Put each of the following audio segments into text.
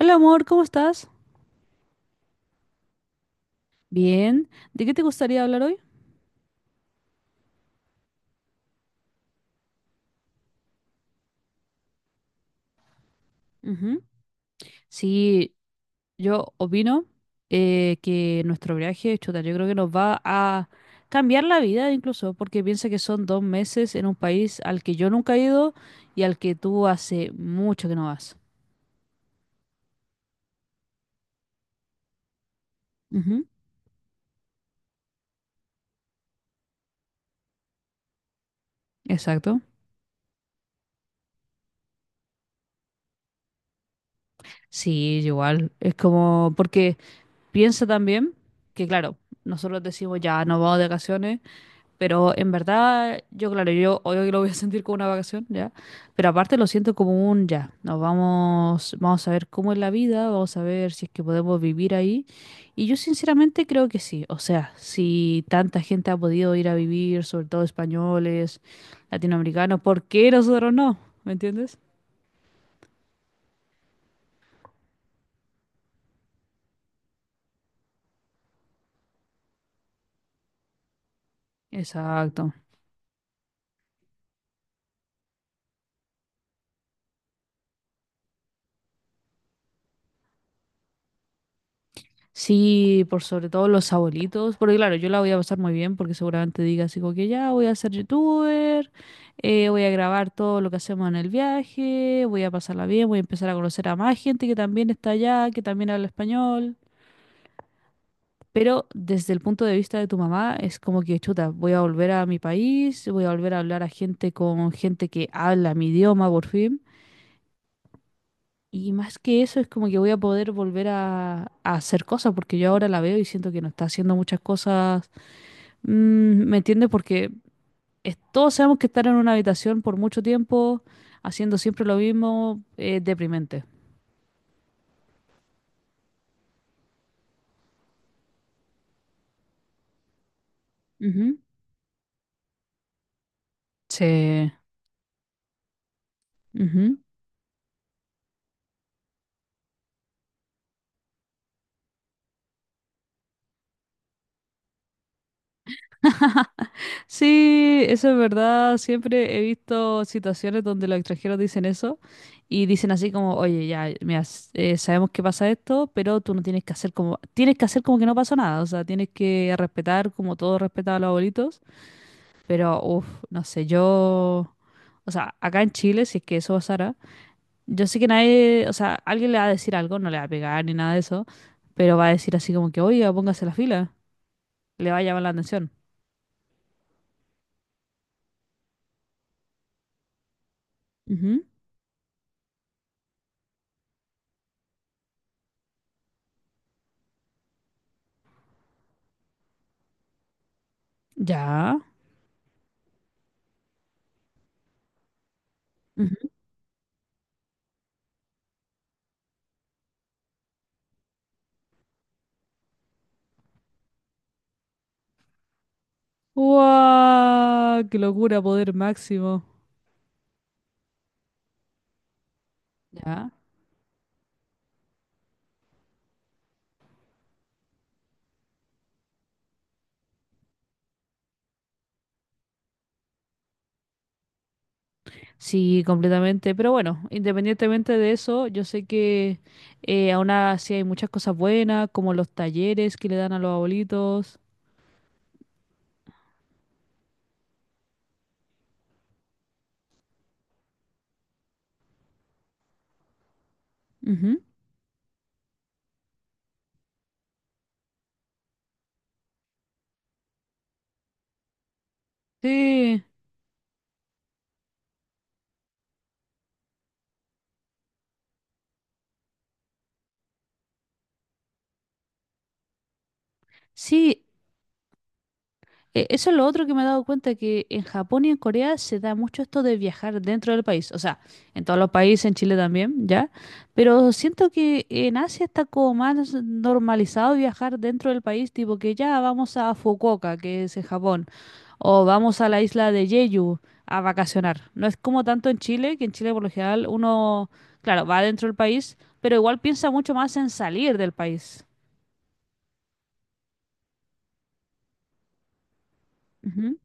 Hola amor, ¿cómo estás? Bien. ¿De qué te gustaría hablar hoy? Ujú. Sí, yo opino que nuestro viaje, chuta, yo creo que nos va a cambiar la vida incluso, porque piensa que son 2 meses en un país al que yo nunca he ido y al que tú hace mucho que no vas. Ujú. Exacto. Sí, igual. Es como, porque piensa también que, claro, nosotros decimos ya nos vamos de vacaciones. Pero en verdad, yo claro, yo hoy lo voy a sentir como una vacación, ¿ya? Pero aparte lo siento como un ya. Nos vamos, vamos a ver cómo es la vida, vamos a ver si es que podemos vivir ahí. Y yo sinceramente creo que sí. O sea, si tanta gente ha podido ir a vivir, sobre todo españoles, latinoamericanos, ¿por qué nosotros no? ¿Me entiendes? Exacto. Sí, por sobre todo los abuelitos, porque claro, yo la voy a pasar muy bien porque seguramente diga así como que ya voy a ser youtuber, voy a grabar todo lo que hacemos en el viaje, voy a pasarla bien, voy a empezar a conocer a más gente que también está allá, que también habla español. Pero desde el punto de vista de tu mamá es como que chuta, voy a volver a mi país, voy a volver a hablar a gente con gente que habla mi idioma por fin. Y más que eso, es como que voy a poder volver a hacer cosas, porque yo ahora la veo y siento que no está haciendo muchas cosas. Mm, ¿me entiendes? Porque todos sabemos que estar en una habitación por mucho tiempo, haciendo siempre lo mismo, es deprimente. Ujú. Sí. Ujú. Sí, eso es verdad. Siempre he visto situaciones donde los extranjeros dicen eso y dicen así como, oye, ya, mira, sabemos que pasa esto, pero tú no tienes que hacer como, tienes que hacer como que no pasó nada. O sea, tienes que respetar como todos respetaba a los abuelitos. Pero, uff, no sé, yo, o sea, acá en Chile, si es que eso pasara. Yo sé que nadie, o sea, alguien le va a decir algo, no le va a pegar ni nada de eso, pero va a decir así como que, oiga, póngase la fila, le va a llamar la atención. Ujú. Ya. Ujú. ¡Guau! ¡Qué locura, poder máximo! Ya. Sí, completamente. Pero bueno, independientemente de eso, yo sé que aún así hay muchas cosas buenas, como los talleres que le dan a los abuelitos. Ujú. Sí, sí, eso es lo otro que me he dado cuenta, que en Japón y en Corea se da mucho esto de viajar dentro del país, o sea, en todos los países, en Chile también, ¿ya? Pero siento que en Asia está como más normalizado viajar dentro del país, tipo que ya vamos a Fukuoka, que es en Japón, o vamos a la isla de Jeju a vacacionar. No es como tanto en Chile, que en Chile por lo general uno, claro, va dentro del país, pero igual piensa mucho más en salir del país. Ujú.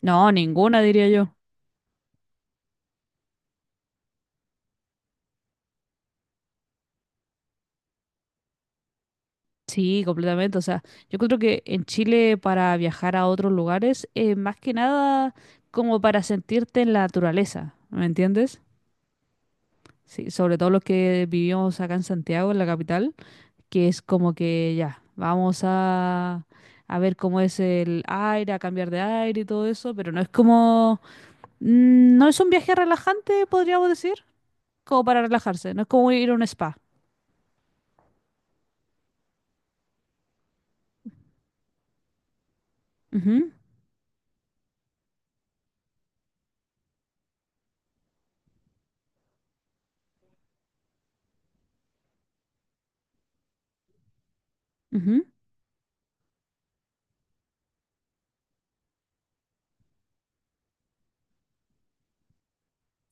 No, ninguna, diría yo. Sí, completamente. O sea, yo creo que en Chile para viajar a otros lugares es más que nada como para sentirte en la naturaleza, ¿me entiendes? Sí, sobre todo los que vivimos acá en Santiago, en la capital, que es como que ya, vamos a ver cómo es el aire, a cambiar de aire y todo eso, pero no es como, no es un viaje relajante, podríamos decir, como para relajarse, no es como ir a un spa. Ujú, ujú,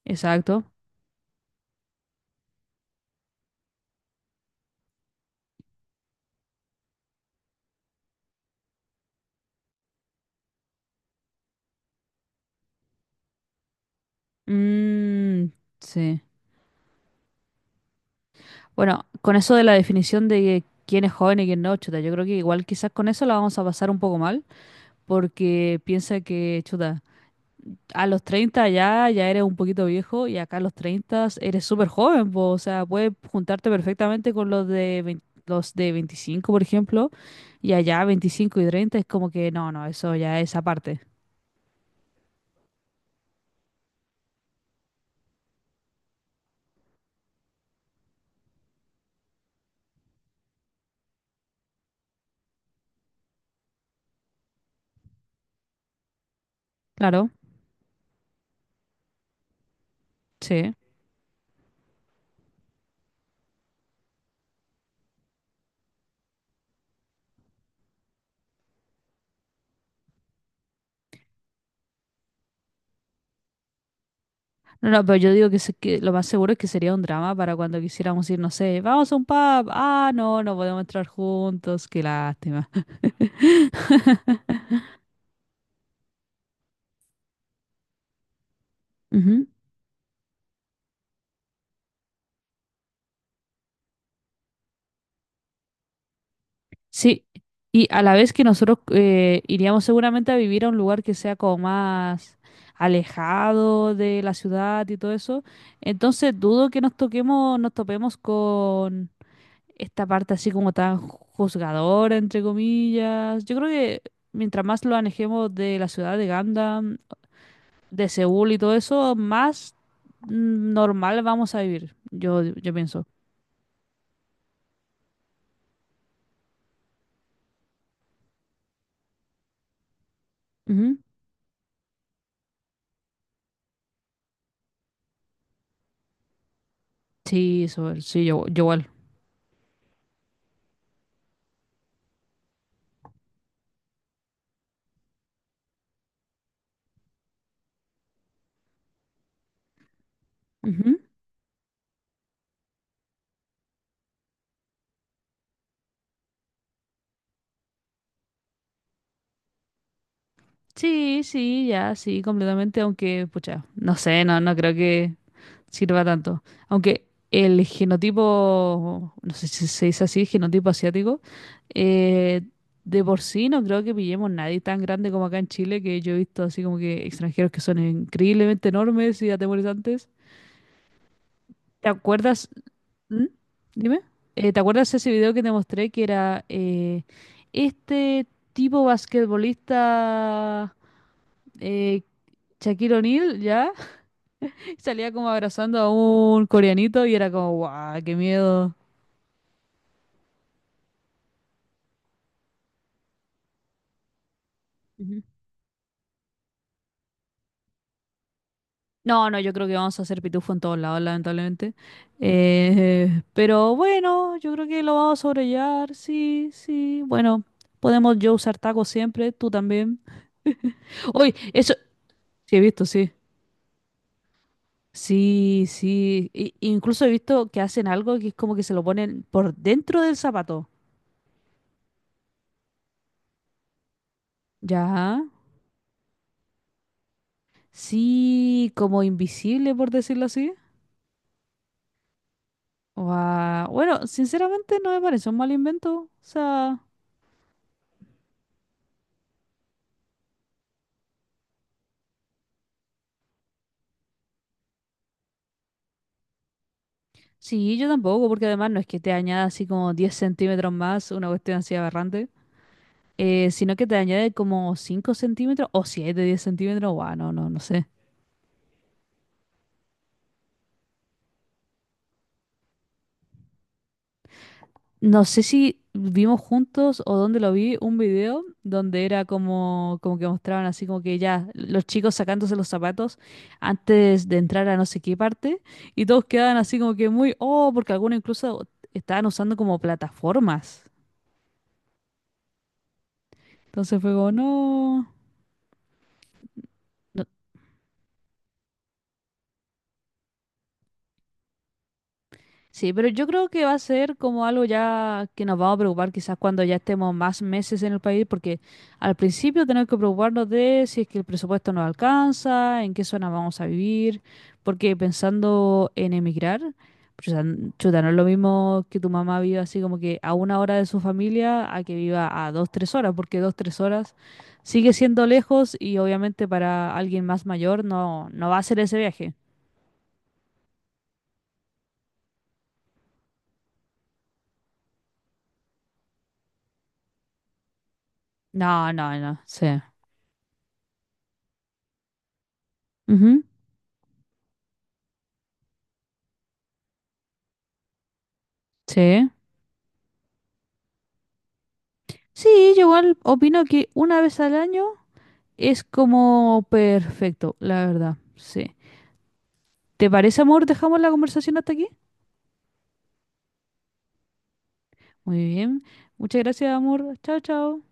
exacto. Mm, sí. Bueno, con eso de la definición de quién es joven y quién no, chuta, yo creo que igual quizás con eso la vamos a pasar un poco mal, porque piensa que, chuta, a los 30 ya, ya eres un poquito viejo y acá a los 30 eres súper joven, po, o sea, puedes juntarte perfectamente con los de 20 los de 25, por ejemplo, y allá 25 y 30 es como que no, no, eso ya es aparte. Claro, sí. No, no, pero yo digo que, que lo más seguro es que sería un drama para cuando quisiéramos ir, no sé, vamos a un pub, ah, no, no podemos entrar juntos, qué lástima. Ujú. Sí, y a la vez que nosotros iríamos seguramente a vivir a un lugar que sea como más alejado de la ciudad y todo eso, entonces dudo que nos toquemos, nos topemos con esta parte así como tan juzgadora, entre comillas. Yo creo que mientras más lo alejemos de la ciudad de Gandam, de Seúl y todo eso, más normal vamos a vivir, yo pienso. Ujú. Sí, Joel, sí, yo, Joel. Ujú. Sí, sí, ya, sí, completamente, aunque, pucha, no sé, no, no creo que sirva tanto. Aunque el genotipo, no sé si se dice así, genotipo asiático, eh, de por sí no creo que pillemos nadie tan grande como acá en Chile, que yo he visto así como que extranjeros que son increíblemente enormes y atemorizantes. ¿Te acuerdas? ¿Mm? Dime. ¿Te acuerdas ese video que te mostré que era este tipo basquetbolista eh, Shaquille O'Neal? ¿Ya? Salía como abrazando a un coreanito y era como, guau, qué miedo. Ujú. No, no, yo creo que vamos a hacer pitufo en todos lados, lamentablemente. Pero bueno, yo creo que lo vamos a sobrellevar, sí, sí. Bueno, podemos yo usar tacos siempre, tú también. Uy, eso, sí he visto, sí. Sí, sí. Incluso he visto que hacen algo que es como que se lo ponen por dentro del zapato. Ya. Sí, como invisible, por decirlo así. Guau. Bueno, sinceramente no me parece un mal invento. O sea, sí, yo tampoco, porque además no es que te añada así como 10 centímetros más, una cuestión así aberrante, sino que te añade como 5 centímetros o 7, 10 centímetros. Guau, no, no, no sé. No sé si vimos juntos o dónde lo vi, un video donde era como, como que mostraban así como que ya los chicos sacándose los zapatos antes de entrar a no sé qué parte y todos quedaban así como que muy, oh, porque algunos incluso estaban usando como plataformas. Entonces fue como, no. No. Sí, pero yo creo que va a ser como algo ya que nos vamos a preocupar quizás cuando ya estemos más meses en el país, porque al principio tenemos que preocuparnos de si es que el presupuesto nos alcanza, en qué zona vamos a vivir, porque pensando en emigrar, chuta, chuta, no es lo mismo que tu mamá viva así como que a una hora de su familia a que viva a 2, 3 horas, porque 2, 3 horas sigue siendo lejos y obviamente para alguien más mayor no, no va a ser ese viaje. No, no, no, sí. Ujú. Sí. Sí, yo igual opino que una vez al año es como perfecto, la verdad. Sí. ¿Te parece, amor? ¿Dejamos la conversación hasta aquí? Muy bien. Muchas gracias, amor. Chao, chao.